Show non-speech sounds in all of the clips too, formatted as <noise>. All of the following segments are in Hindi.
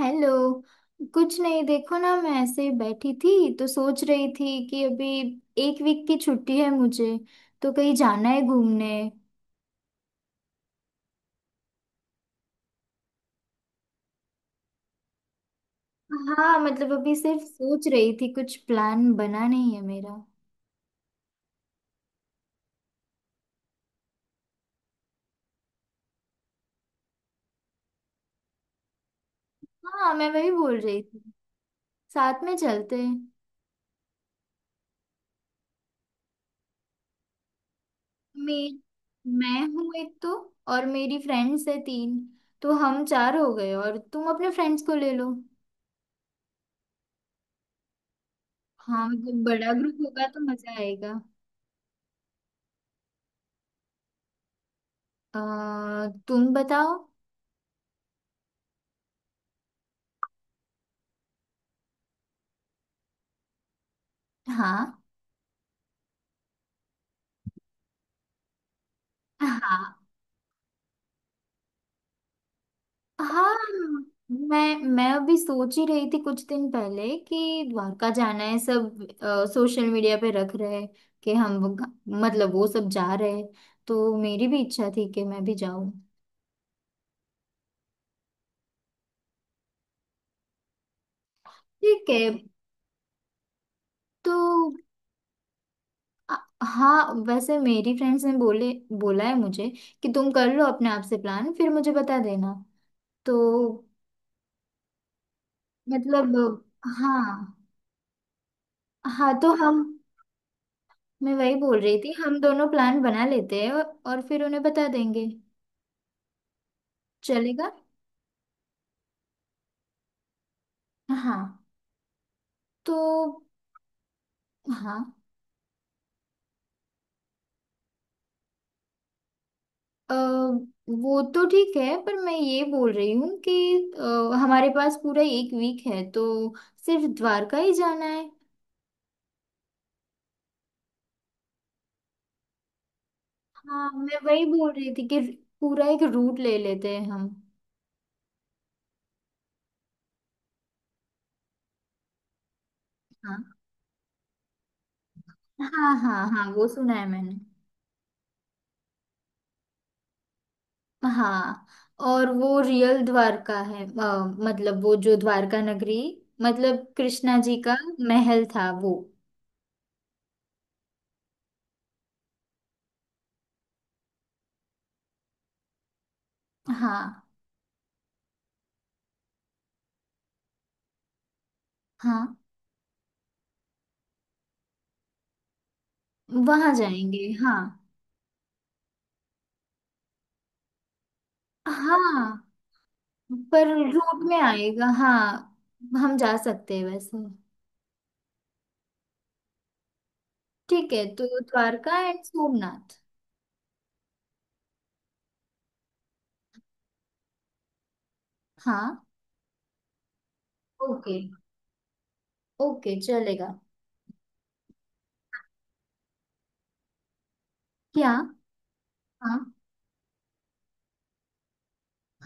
हेलो। कुछ नहीं, देखो ना, मैं ऐसे ही बैठी थी तो सोच रही थी कि अभी एक वीक की छुट्टी है मुझे, तो कहीं जाना है घूमने। हाँ, मतलब अभी सिर्फ सोच रही थी, कुछ प्लान बना नहीं है मेरा। हाँ, मैं वही बोल रही थी, साथ में चलते हैं। मैं मैं हूँ एक तो, और मेरी फ्रेंड्स है तीन, तो हम चार हो गए और तुम अपने फ्रेंड्स को ले लो। हाँ, मतलब बड़ा ग्रुप होगा तो मजा आएगा। अ, तुम बताओ। हाँ हाँ हाँ, मैं अभी सोच ही रही थी कुछ दिन पहले कि द्वारका जाना है, सब सोशल मीडिया पे रख रहे हैं कि हम वो मतलब वो सब जा रहे हैं, तो मेरी भी इच्छा थी कि मैं भी जाऊं। ठीक है। तो अ, हाँ, वैसे मेरी फ्रेंड्स ने बोले, बोला है मुझे कि तुम कर लो अपने आप से प्लान फिर मुझे बता देना। तो मतलब हाँ। हाँ तो हम, मैं वही बोल रही थी, हम दोनों प्लान बना लेते हैं और फिर उन्हें बता देंगे। चलेगा। हाँ तो। हाँ, अ, वो तो ठीक है, पर मैं ये बोल रही हूँ कि हमारे पास पूरा एक वीक है, तो सिर्फ द्वारका ही जाना है? हाँ, मैं वही बोल रही थी कि पूरा एक रूट ले लेते हैं हम। हाँ हाँ हाँ हाँ, वो सुना है मैंने। हाँ, और वो रियल द्वारका है, मतलब वो जो द्वारका नगरी, मतलब कृष्णा जी का महल था वो। हाँ हाँ, वहां जाएंगे। हाँ हाँ, पर रूट में आएगा, हाँ हम जा सकते हैं वैसे। ठीक है, तो द्वारका एंड सोमनाथ। हाँ। ओके, ओके चलेगा। क्या? हाँ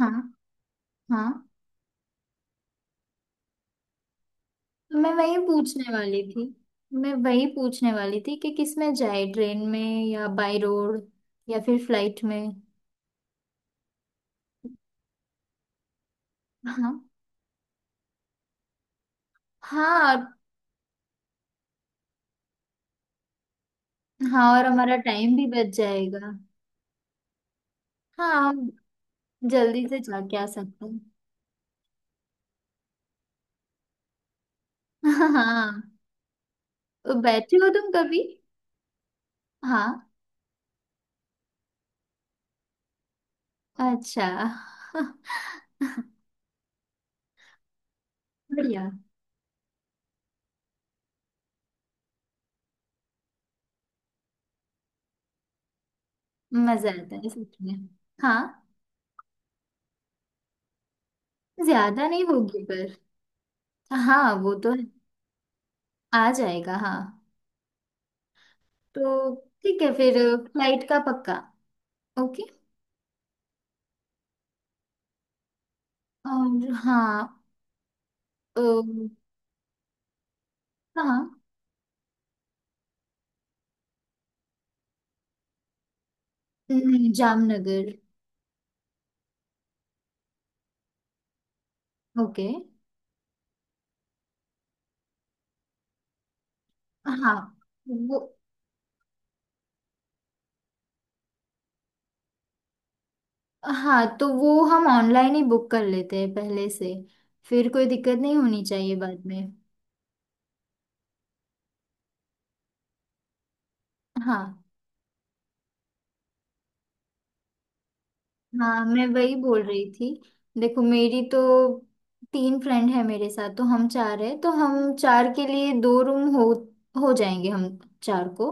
हाँ हाँ, मैं वही पूछने वाली थी। मैं वही पूछने वाली थी कि किस में जाए, ट्रेन में या बाय रोड, या फिर फ्लाइट में? हाँ। हाँ, और हाँ, और हमारा टाइम भी बच जाएगा। हाँ, हम जल्दी से जाके आ सकते हैं। हाँ, तो बैठे हो तुम कभी? हाँ। अच्छा। <laughs> बढ़िया। मजा आता है सच में। हाँ, ज्यादा नहीं होगी पर। हाँ, वो तो है। आ जाएगा हाँ। तो ठीक है फिर। फ्लाइट का पक्का। ओके। और हाँ। अ, हाँ। नहीं, जामनगर। ओके। हाँ वो। हाँ, तो वो हम ऑनलाइन ही बुक कर लेते हैं पहले से, फिर कोई दिक्कत नहीं होनी चाहिए बाद में। हाँ। हाँ, मैं वही बोल रही थी। देखो, मेरी तो तीन फ्रेंड है मेरे साथ, तो हम चार है, तो हम चार के लिए दो रूम हो जाएंगे हम चार को।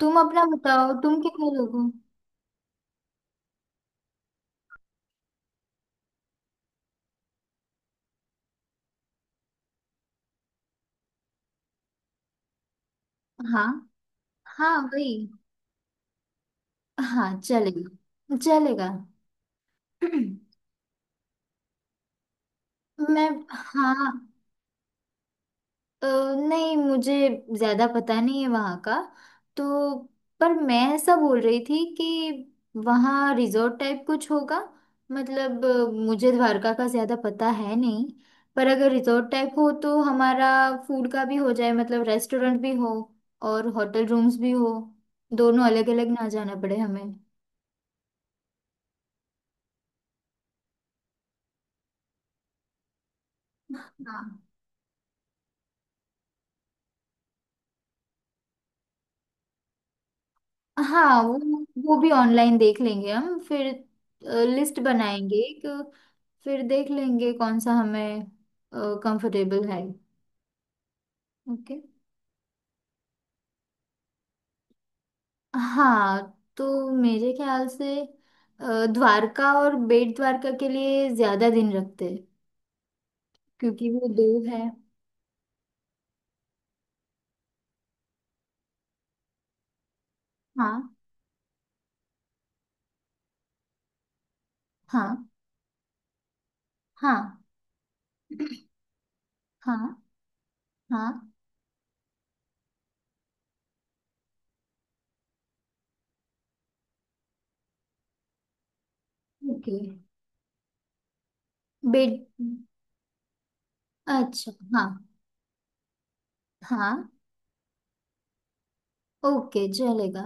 तुम अपना बताओ, तुम कितने लोग हो? हाँ। हाँ वही। हाँ, चलेगा चलेगा। <clears throat> मैं, हाँ, अ, नहीं, मुझे ज्यादा पता नहीं है वहाँ का, तो। पर मैं ऐसा बोल रही थी कि वहाँ रिजॉर्ट टाइप कुछ होगा, मतलब मुझे द्वारका का ज्यादा पता है नहीं, पर अगर रिजॉर्ट टाइप हो तो हमारा फूड का भी हो जाए, मतलब रेस्टोरेंट भी हो और होटल रूम्स भी हो, दोनों अलग अलग ना जाना पड़े हमें। हाँ। हाँ वो भी ऑनलाइन देख लेंगे हम, फिर लिस्ट बनाएंगे एक, फिर देख लेंगे कौन सा हमें कंफर्टेबल है। ओके। हाँ, तो मेरे ख्याल से द्वारका और बेट द्वारका के लिए ज्यादा दिन रखते हैं, क्योंकि वो दो है। हाँ हाँ हाँ हाँ। हाँ। ओके। बेट। अच्छा हाँ। हाँ, ओके चलेगा।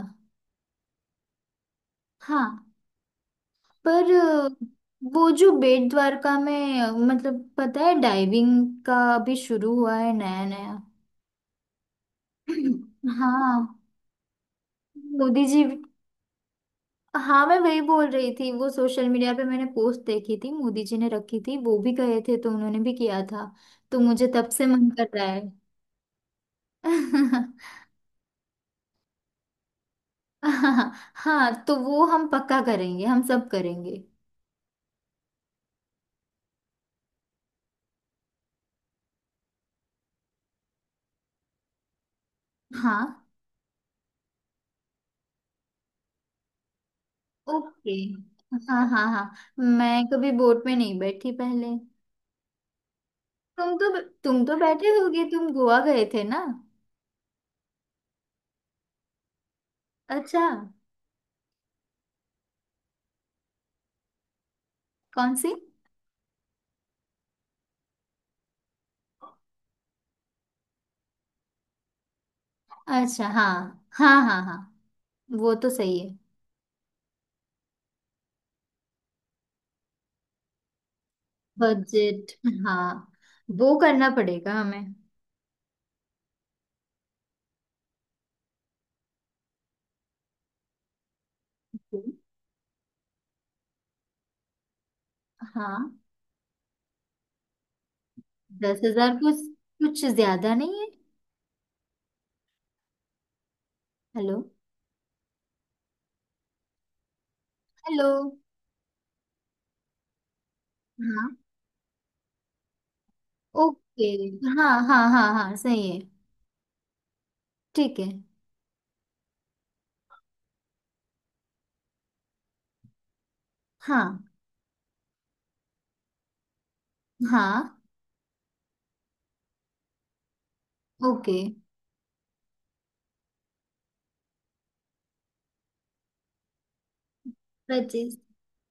हाँ, पर वो जो बेट द्वारका में, मतलब पता है डाइविंग का अभी शुरू हुआ है नया नया। <clears throat> हाँ। मोदी जी। हाँ, मैं वही बोल रही थी, वो सोशल मीडिया पे मैंने पोस्ट देखी थी, मोदी जी ने रखी थी, वो भी गए थे तो उन्होंने भी किया था, तो मुझे तब से मन कर रहा है। <laughs> हाँ हाँ, तो वो हम पक्का करेंगे, हम सब करेंगे। हाँ। ओके। हाँ हाँ हाँ, मैं कभी बोट में नहीं बैठी पहले। तुम तो बैठे होगे, तुम गोवा गए थे ना? अच्छा। कौन सी? अच्छा हाँ हाँ हाँ हाँ, वो तो सही है। बजट। हाँ, वो करना पड़ेगा हमें। हाँ। 10,000 कुछ कुछ ज्यादा नहीं है। हेलो। हेलो। हाँ। ओके। हाँ हाँ हाँ हाँ, सही है। ठीक है। हाँ हाँ। ओके। 25।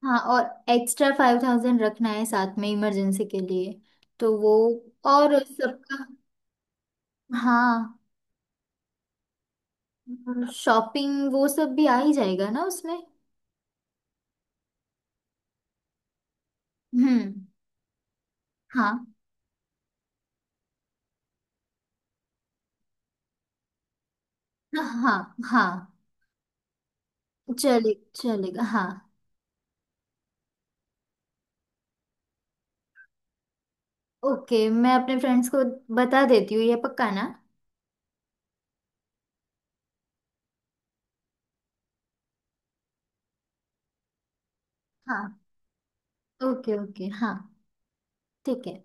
हाँ, और एक्स्ट्रा 5,000 रखना है साथ में, इमरजेंसी के लिए। तो वो। और सबका। हाँ। शॉपिंग वो सब भी आ ही जाएगा ना उसमें। हम्म। हाँ हाँ हाँ, चले चलेगा हाँ। ओके, मैं अपने फ्रेंड्स को बता देती हूँ, ये पक्का ना? हाँ, ओके ओके हाँ, ठीक है।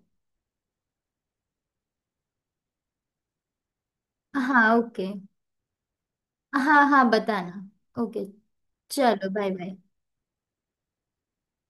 हाँ ओके। हाँ हाँ, बताना। ओके। चलो, बाय बाय।